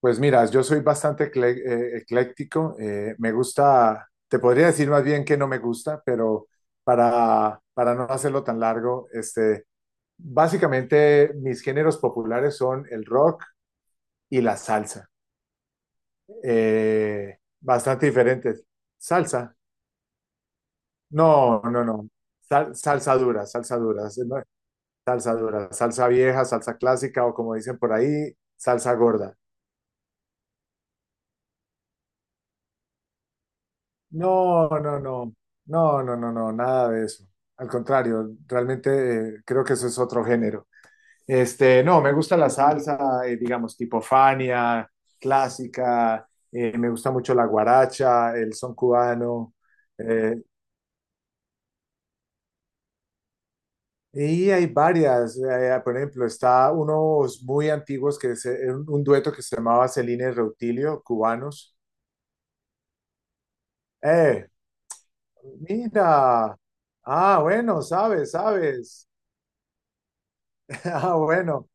Pues mira, yo soy bastante ecléctico. Me gusta, te podría decir más bien que no me gusta, pero para no hacerlo tan largo, básicamente mis géneros populares son el rock y la salsa. Bastante diferentes. Salsa. No, no, no. Salsa dura, salsa dura. No, salsa dura, salsa vieja, salsa clásica o como dicen por ahí, salsa gorda. No, no, no, no, no, no, no, nada de eso. Al contrario, realmente creo que eso es otro género. Este, no, me gusta la salsa, digamos, tipo Fania, clásica, me gusta mucho la guaracha, el son cubano, eh, y hay varias, por ejemplo, está unos muy antiguos que es un dueto que se llamaba Celina y Reutilio, cubanos. Eh, Mira, ah, bueno, sabes, sabes, ah, bueno.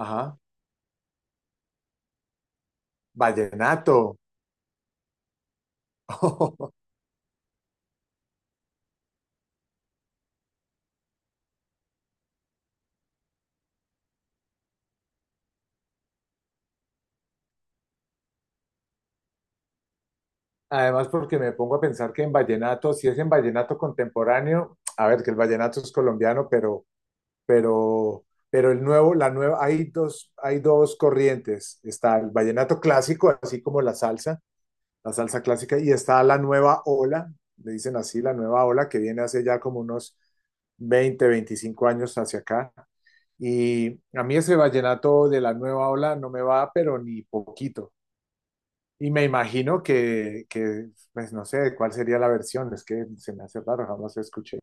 Ajá, vallenato. Además, porque me pongo a pensar que en vallenato, si es en vallenato contemporáneo, a ver, que el vallenato es colombiano, pero, pero el nuevo, la nueva, hay dos corrientes. Está el vallenato clásico, así como la salsa clásica, y está la nueva ola, le dicen así, la nueva ola, que viene hace ya como unos 20-25 años hacia acá. Y a mí ese vallenato de la nueva ola no me va, pero ni poquito. Y me imagino que pues no sé cuál sería la versión, es que se me hace raro, jamás escuché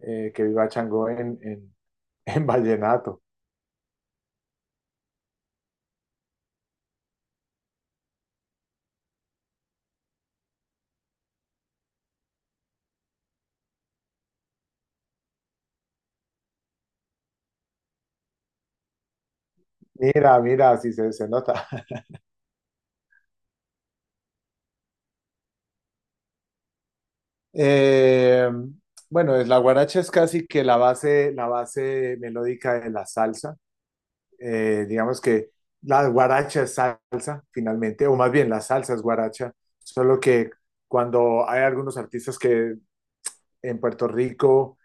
que viva Chango en en vallenato. Mira, mira, sí se nota. Eh, bueno, es, la guaracha es casi que la base melódica de la salsa. Digamos que la guaracha es salsa, finalmente, o más bien la salsa es guaracha, solo que cuando hay algunos artistas que en Puerto Rico.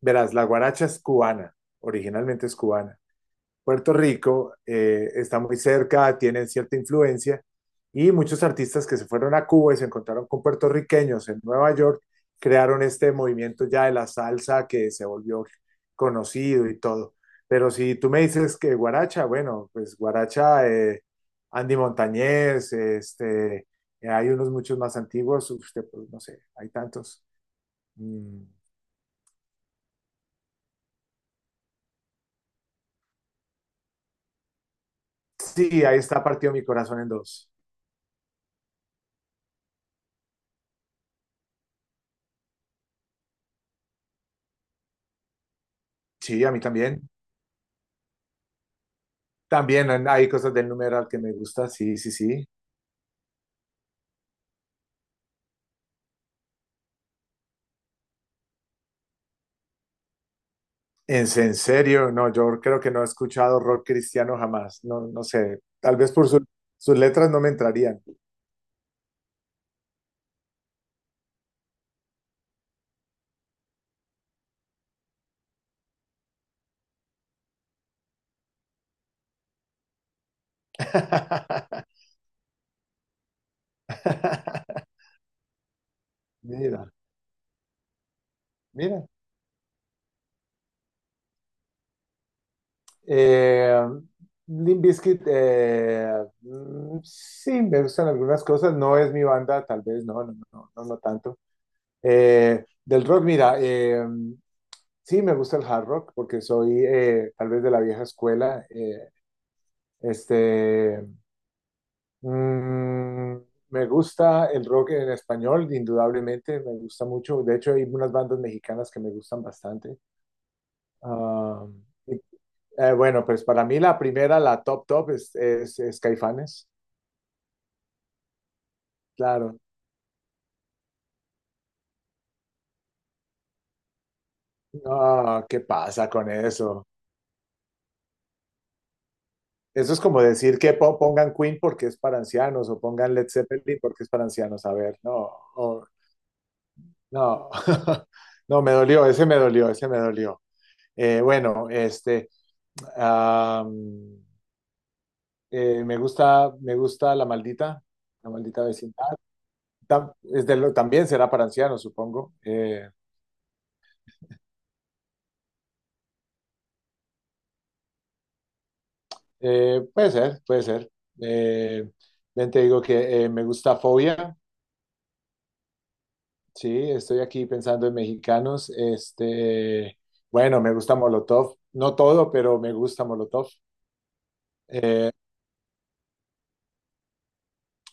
Verás, la guaracha es cubana, originalmente es cubana. Puerto Rico está muy cerca, tiene cierta influencia y muchos artistas que se fueron a Cuba y se encontraron con puertorriqueños en Nueva York crearon este movimiento ya de la salsa que se volvió conocido y todo. Pero si tú me dices que guaracha, bueno, pues guaracha, Andy Montañez, hay unos muchos más antiguos, usted, pues no sé, hay tantos. Mm. Sí, ahí está partido mi corazón en dos. Sí, a mí también. También hay cosas del numeral que me gusta, sí, sí, sí. En serio, no, yo creo que no he escuchado rock cristiano jamás. No, no sé, tal vez por sus letras no me entrarían. Mira, mira. Eh, Limp Bizkit, sí, me gustan algunas cosas, no es mi banda, tal vez, no, no, no, no, no tanto. Del rock, mira, sí me gusta el hard rock porque soy tal vez de la vieja escuela. Este, mm, Me gusta el rock en español, indudablemente, me gusta mucho. De hecho, hay unas bandas mexicanas que me gustan bastante. Ah, y bueno, pues para mí la primera, la top top, es Caifanes. Claro. No, ¿qué pasa con eso? Eso es como decir que pongan Queen porque es para ancianos o pongan Led Zeppelin porque es para ancianos. A ver, no, no, no, me dolió, ese me dolió, ese me dolió. Eh, bueno, este, am, Me gusta, me gusta La Maldita, La Maldita Vecindad. Es de también será para ancianos, supongo. Puede ser, puede ser. Eh, Ven, te digo que me gusta Fobia, sí, estoy aquí pensando en mexicanos. Este, bueno, me gusta Molotov, no todo, pero me gusta Molotov. Eh,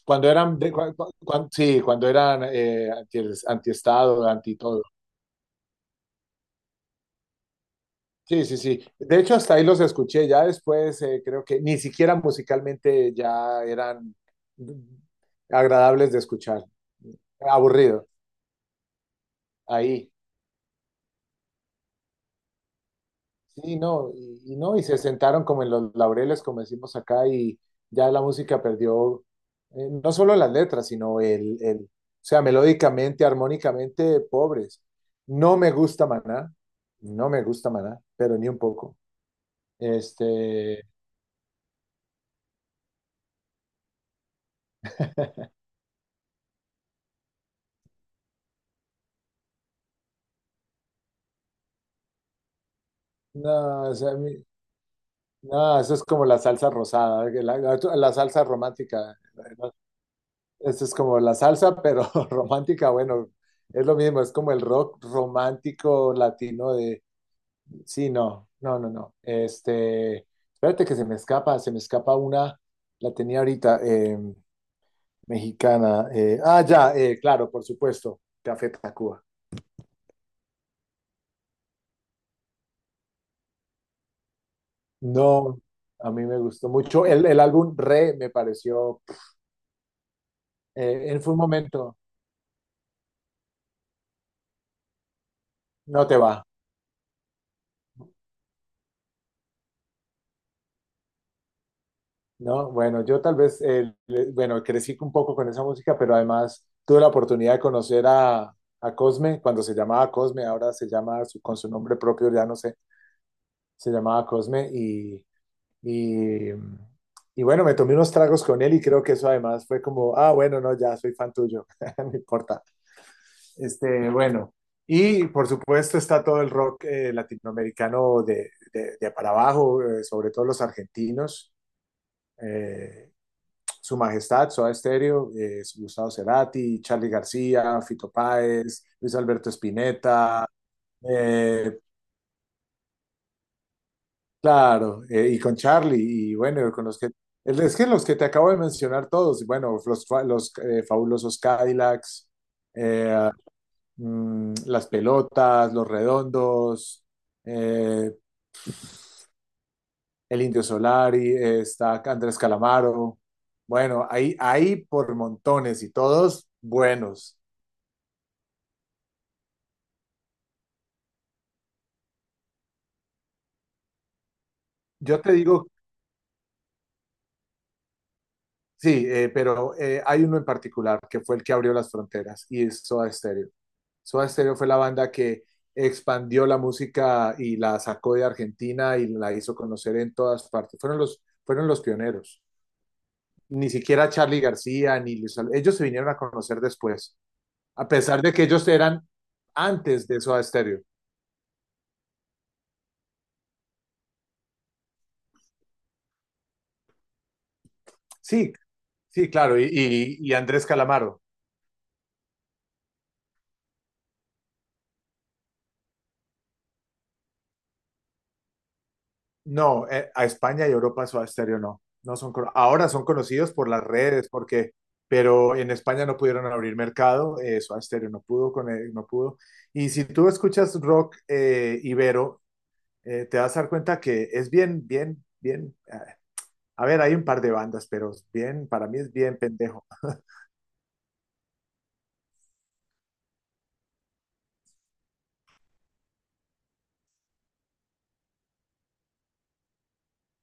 Cuando eran, sí, cuando eran anti, antiestado, anti todo. Sí, sí, sí. De hecho, hasta ahí los escuché. Ya después creo que ni siquiera musicalmente ya eran mm, agradables de escuchar. Aburrido, ahí. Sí, no, y no, y se sentaron como en los laureles, como decimos acá, y ya la música perdió no solo las letras, sino o sea, melódicamente, armónicamente, pobres. No me gusta Maná, no me gusta Maná, pero ni un poco. Este, no, o sea, no, eso es como la salsa rosada, que la salsa romántica. Esto es como la salsa, pero romántica, bueno, es lo mismo, es como el rock romántico latino. Sí, no, no, no, no. Este, espérate que se me escapa una, la tenía ahorita, mexicana. Ya, claro, por supuesto, Café Tacuba. No, a mí me gustó mucho. El álbum Re me pareció, en fue un momento, no te va, ¿no? Bueno, yo tal vez, bueno, crecí un poco con esa música, pero además tuve la oportunidad de conocer a Cosme, cuando se llamaba Cosme, ahora se llama con su nombre propio, ya no sé, se llamaba Cosme y... Y, y bueno, me tomé unos tragos con él y creo que eso además fue como, ah, bueno, no, ya soy fan tuyo, no importa. Este, bueno, y por supuesto está todo el rock latinoamericano de para abajo, sobre todo los argentinos, eh, Su Majestad, Soda Stereo, Gustavo Cerati, Charly García, Fito Páez, Luis Alberto Spinetta, eh, Claro, y con Charlie, y bueno, con los que, es que los que te acabo de mencionar todos, bueno, los, fa- los fabulosos Cadillacs, eh, las pelotas, los redondos, eh, el Indio Solari, está Andrés Calamaro, bueno, ahí, ahí por montones y todos buenos. Yo te digo, sí, pero hay uno en particular que fue el que abrió las fronteras y es Soda Stereo. Soda Stereo fue la banda que expandió la música y la sacó de Argentina y la hizo conocer en todas partes. Fueron los pioneros. Ni siquiera Charlie García, ni ellos se vinieron a conocer después, a pesar de que ellos eran antes de Soda Stereo. Sí, sí, claro, y, y Andrés Calamaro. No, a España y Europa Soda Stereo no. No son, ahora son conocidos por las redes, porque, pero en España no pudieron abrir mercado, Soda Stereo no pudo, no pudo. Y si tú escuchas rock ibero, te vas a dar cuenta que es bien, bien, bien. A ver, hay un par de bandas, pero es bien, para mí es bien pendejo.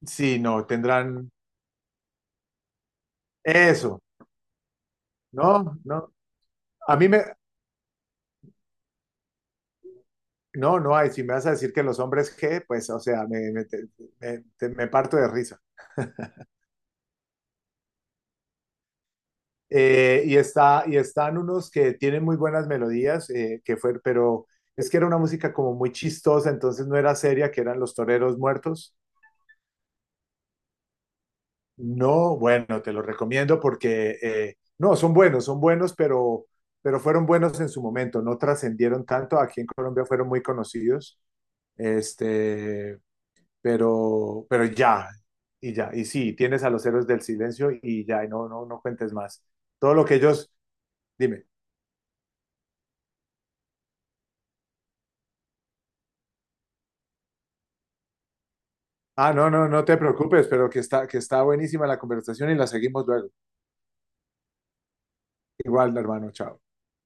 Sí, no, tendrán eso. No, no. A mí me, no, no hay. Si me vas a decir que los hombres G, pues, o sea, me parto de risa. Y está, y están unos que tienen muy buenas melodías, pero es que era una música como muy chistosa, entonces no era seria, que eran Los Toreros Muertos. No, bueno, te lo recomiendo porque, no, son buenos, pero fueron buenos en su momento, no trascendieron tanto, aquí en Colombia fueron muy conocidos, este, pero ya, y ya, y sí, tienes a los héroes del silencio y ya, y no, no, no cuentes más. Todo lo que ellos, dime. Ah, no, no, no te preocupes, pero que está buenísima la conversación y la seguimos luego. Igual, hermano, chao.